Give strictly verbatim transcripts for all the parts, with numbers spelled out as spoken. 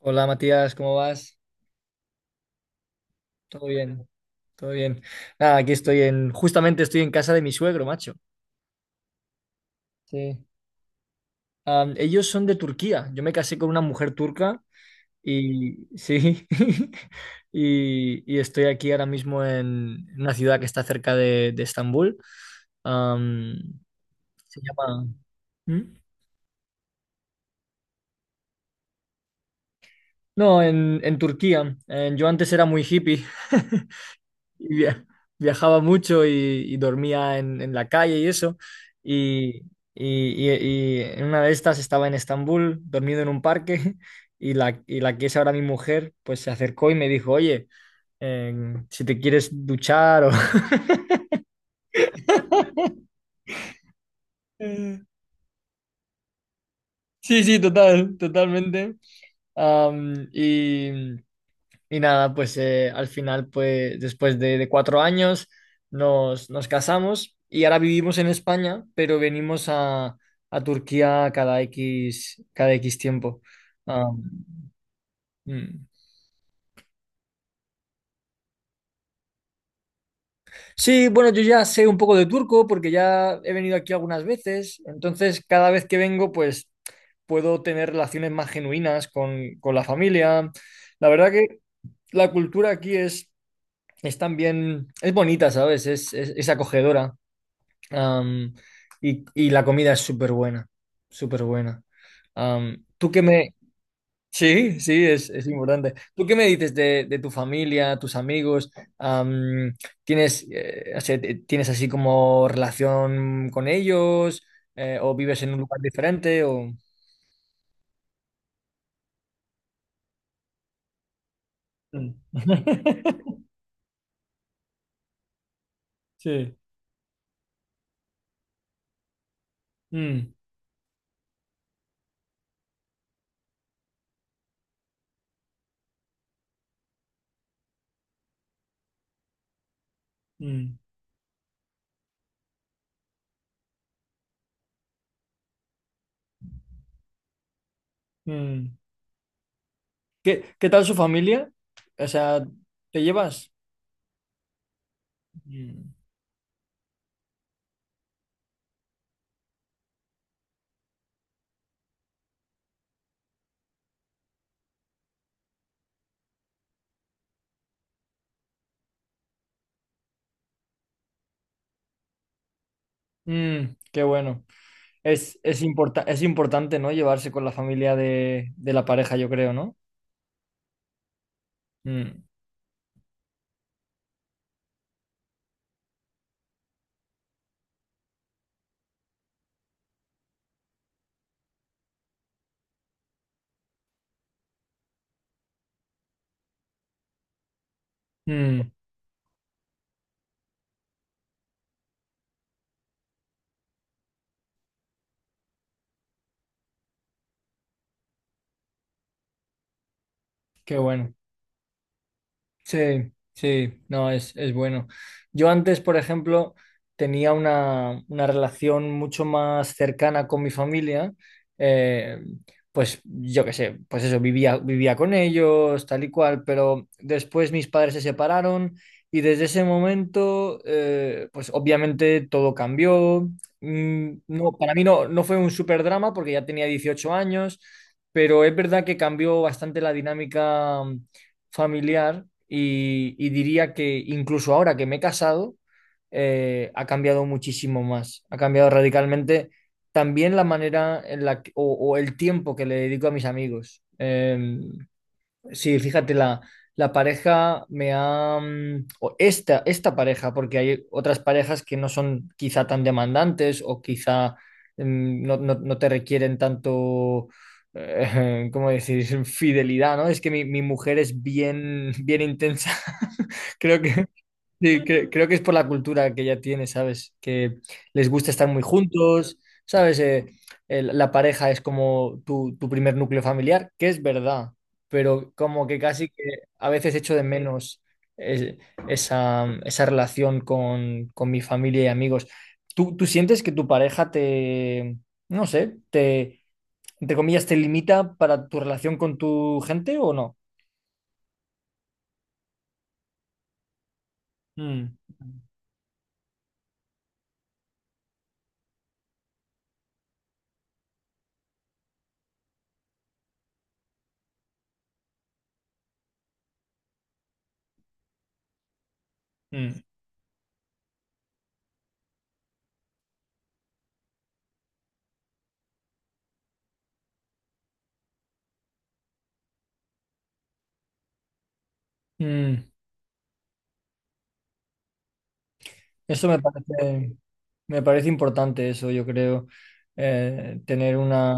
Hola Matías, ¿cómo vas? Todo bien, todo bien. Nada, aquí estoy en, justamente estoy en casa de mi suegro, macho. Sí. Am, ellos son de Turquía. Yo me casé con una mujer turca y sí, y, y estoy aquí ahora mismo en una ciudad que está cerca de, de Estambul. Am, Se llama. ¿Mm? No, en, en Turquía. Eh, yo antes era muy hippie. y via- viajaba mucho y, y dormía en, en la calle y eso. Y, y- y- y en una de estas estaba en Estambul, dormido en un parque, y la, y la que es ahora mi mujer, pues se acercó y me dijo, oye, em, si te quieres duchar o. Sí, sí, total, totalmente. Am, y, Y nada, pues eh, al final, pues después de, de cuatro años nos, nos casamos y ahora vivimos en España, pero venimos a, a Turquía cada X, cada X tiempo. Ah, mm. Sí, bueno, yo ya sé un poco de turco porque ya he venido aquí algunas veces, entonces cada vez que vengo, pues puedo tener relaciones más genuinas con, con la familia. La verdad que la cultura aquí es, es también, es bonita, ¿sabes? Es, es, es acogedora. Am, y, y la comida es súper buena, súper buena. Am, tú qué me. Sí, sí, es, es importante. ¿Tú qué me dices de, de tu familia, tus amigos? Am, ¿Tienes, eh, o sea, te- tienes así como relación con ellos? Eh, ¿o vives en un lugar diferente? O. Mm. Sí. Mm, mm, mm. ¿Qué, qué tal su familia? O sea, ¿te llevas? Mm. Mm, qué bueno. Es, es, importa- es importante, ¿no? Llevarse con la familia de, de la pareja, yo creo, ¿no? Mm, mm, Qué bueno. Sí, sí, no, es, es bueno. Yo antes, por ejemplo, tenía una, una relación mucho más cercana con mi familia. eh, pues yo qué sé, pues eso, vivía, vivía con ellos, tal y cual, pero después mis padres se separaron y desde ese momento, eh, pues obviamente todo cambió. Mm, no, para mí no, no fue un super drama porque ya tenía dieciocho años, pero es verdad que cambió bastante la dinámica familiar y, y diría que incluso ahora que me he casado, eh, ha cambiado muchísimo más, ha cambiado radicalmente también la manera en la que, o, o el tiempo que le dedico a mis amigos. Eh, Sí, fíjate, la, la pareja me ha. Mm, o esta, esta pareja, porque hay otras parejas que no son quizá tan demandantes o quizá mm, no, no- no te requieren tanto, eh, ¿Cómo decir? Fidelidad, ¿no? Es que mi, mi mujer es bien, bien intensa. Creo que. Sí, cre- creo que es por la cultura que ya tiene, ¿sabes? Que les gusta estar muy juntos, ¿sabes? Eh, el- la pareja es como tu, tu primer núcleo familiar, que es verdad, pero como que casi que a veces echo de menos eh, esa, esa relación con, con mi familia y amigos. ¿Tú, tú sientes que tu pareja te, no sé, te, entre comillas, te limita para tu relación con tu gente o no? Mm, mm, mm. Eso me parece, Me parece importante, eso yo creo, eh, tener una,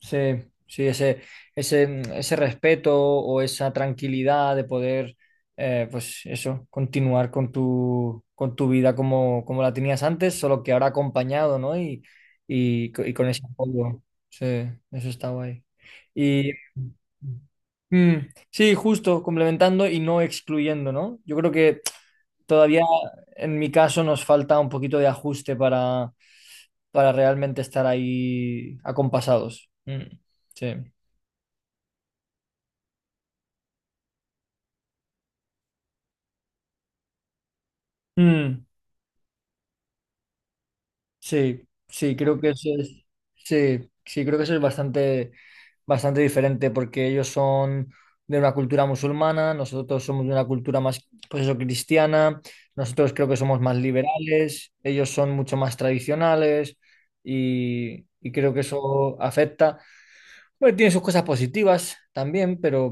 sí, sí, ese, ese, mm, ese respeto o esa tranquilidad de poder, eh, pues eso, continuar con tu, con tu vida como, como la tenías antes, solo que ahora acompañado, ¿no? Y, y, co- y con ese apoyo, sí, eso está guay. Y mm, sí, justo, complementando y no excluyendo, ¿no? Yo creo que Todavía en mi caso nos falta un poquito de ajuste para, para realmente estar ahí acompasados. Mm, sí. Mm, sí, sí, creo que eso es, sí, sí, creo que eso es bastante, bastante diferente porque ellos son de una cultura musulmana, nosotros somos de una cultura más, pues eso, cristiana, nosotros creo que somos más liberales, ellos son mucho más tradicionales y, y creo que eso afecta. Bueno, tiene sus cosas positivas también, pero,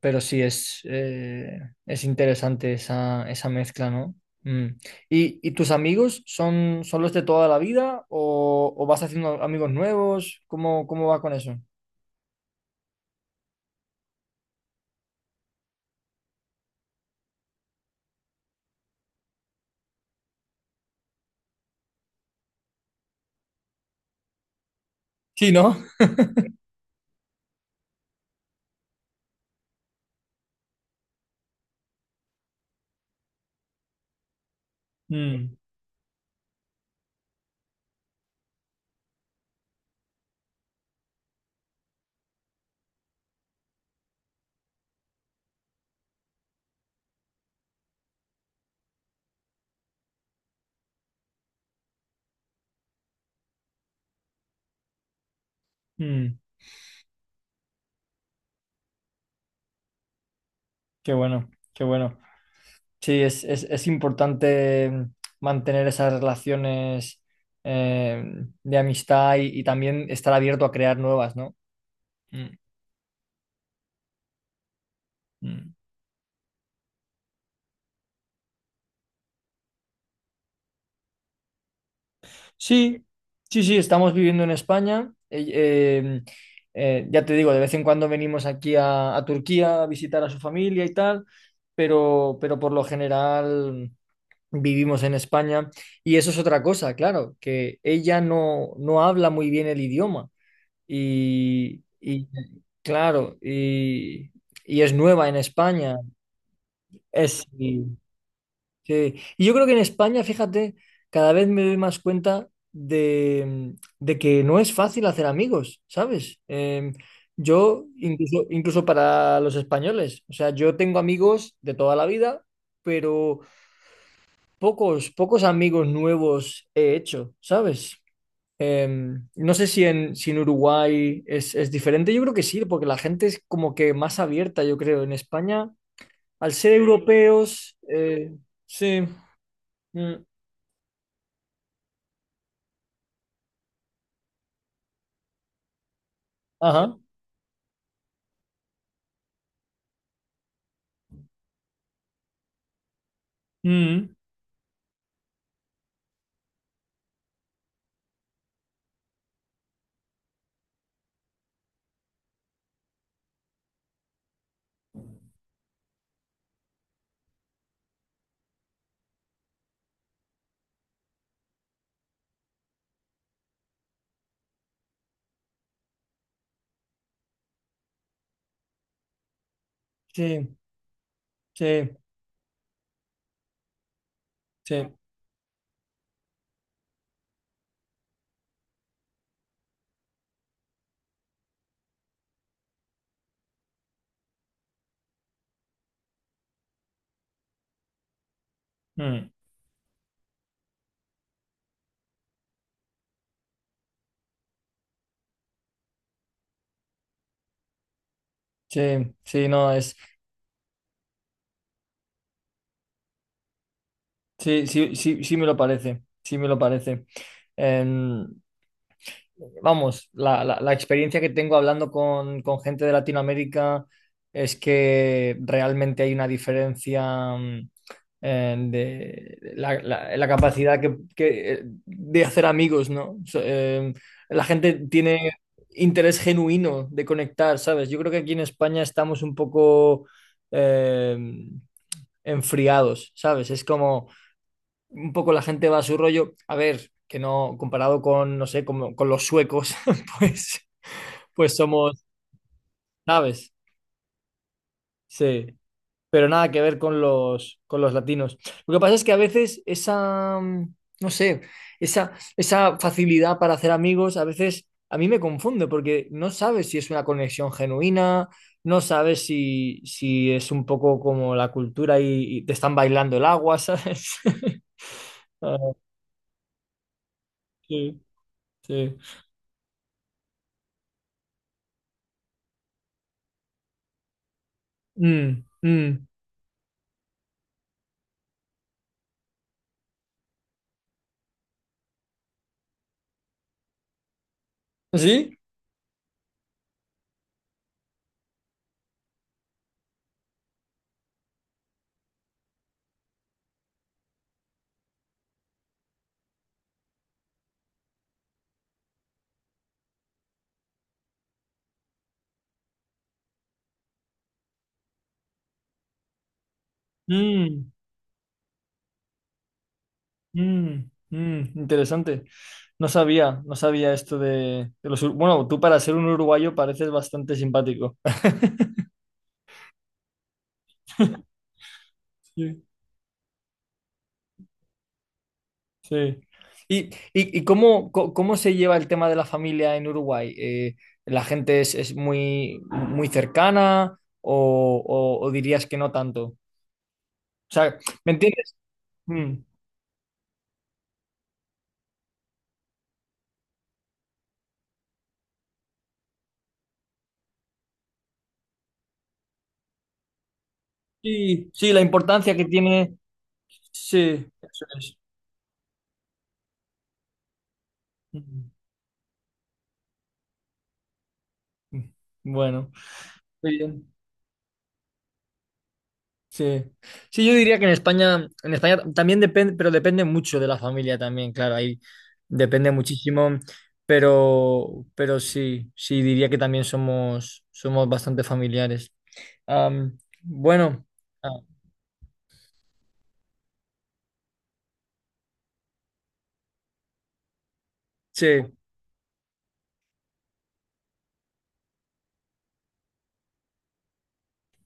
pero sí es, eh, es interesante esa, esa mezcla, ¿no? Mm. ¿Y, y tus amigos son, son los de toda la vida o, o vas haciendo amigos nuevos? ¿Cómo, cómo va con eso? Sí, ¿no? Mm, mm, Qué bueno, qué bueno. Sí, es, es, es importante mantener esas relaciones eh, de amistad y, y también estar abierto a crear nuevas, ¿no? Mm, mm. Sí, sí, sí, estamos viviendo en España. Eh, eh, eh, ya te digo, de vez en cuando venimos aquí a, a Turquía a visitar a su familia y tal, pero, pero por lo general vivimos en España. Y eso es otra cosa, claro, que ella no, no habla muy bien el idioma. Y, y, claro, y, y es nueva en España. Es, Sí, y yo creo que en España, fíjate, cada vez me doy más cuenta de, de que no es fácil hacer amigos, ¿sabes? Eh, yo, incluso, incluso para los españoles, o sea, yo tengo amigos de toda la vida, pero pocos, pocos amigos nuevos he hecho, ¿sabes? Eh, no sé si en, si en, Uruguay es, es diferente, yo creo que sí, porque la gente es como que más abierta, yo creo. En España, al ser europeos, eh, sí. Mm. Ajá. Mm, sí, sí, sí. Mm, sí, sí, no, es. Sí, sí, sí, sí me lo parece. Sí me lo parece. Em, Vamos, la, la- la experiencia que tengo hablando con, con gente de Latinoamérica es que realmente hay una diferencia. Mm, eh, de la, la- la capacidad que, que, eh, de hacer amigos, ¿no? So- eh, la gente tiene interés genuino de conectar, ¿sabes? Yo creo que aquí en España estamos un poco eh, enfriados, ¿sabes? Es como un poco la gente va a su rollo. A ver, que no, comparado con, no sé, como con los suecos, pues, pues somos, ¿sabes? Sí. Pero nada que ver con los, con los latinos. Lo que pasa es que a veces esa, mm, no sé, esa, esa facilidad para hacer amigos, a veces a mí me confunde porque no sabes si es una conexión genuina, no sabes si, si es un poco como la cultura y, y te están bailando el agua, ¿sabes? Ah, sí, sí. Mm, mm. ¿Sí? Mm. Mm, mm, Interesante. No sabía, no sabía esto de, de los... ur- Bueno, tú para ser un uruguayo pareces bastante simpático. Sí. Sí. ¿Y, y- y cómo, co- cómo se lleva el tema de la familia en Uruguay? Eh, ¿la gente es, es muy, muy cercana o, o- o dirías que no tanto? O sea, ¿me entiendes? Mm. Sí, sí, la importancia que tiene. Sí, eso es. Mm, mm. Mm. Bueno, muy bien. Sí. Sí, yo diría que en España, en España también depende, pero depende mucho de la familia también, claro, ahí depende muchísimo, pero, pero sí, sí, diría que también somos, somos bastante familiares. Am, bueno, ah, sí,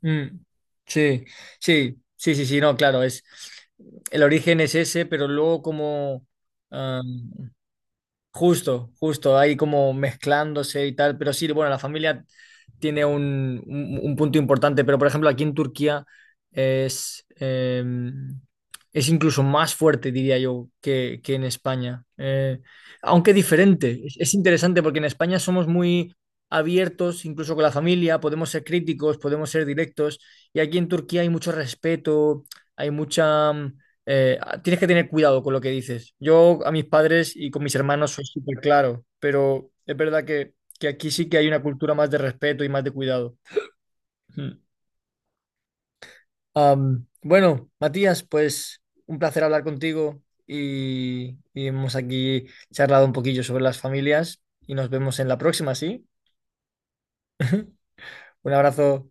mm, sí, sí, sí, sí, sí, no, claro, es, el origen es ese, pero luego como, Justo, justo, ahí como mezclándose y tal, pero sí, bueno, la familia tiene un, un- un punto importante, pero por ejemplo aquí en Turquía es, eh, es incluso más fuerte, diría yo, que, que en España, Eh, aunque diferente. Es, es interesante porque en España somos muy abiertos, incluso con la familia, podemos ser críticos, podemos ser directos, y aquí en Turquía hay mucho respeto, hay mucha, eh, tienes que tener cuidado con lo que dices. Yo a mis padres y con mis hermanos soy súper claro, pero es verdad que, que aquí sí que hay una cultura más de respeto y más de cuidado. Mm. Am, bueno, Matías, pues un placer hablar contigo y, y hemos aquí charlado un poquillo sobre las familias y nos vemos en la próxima, ¿sí? Un abrazo.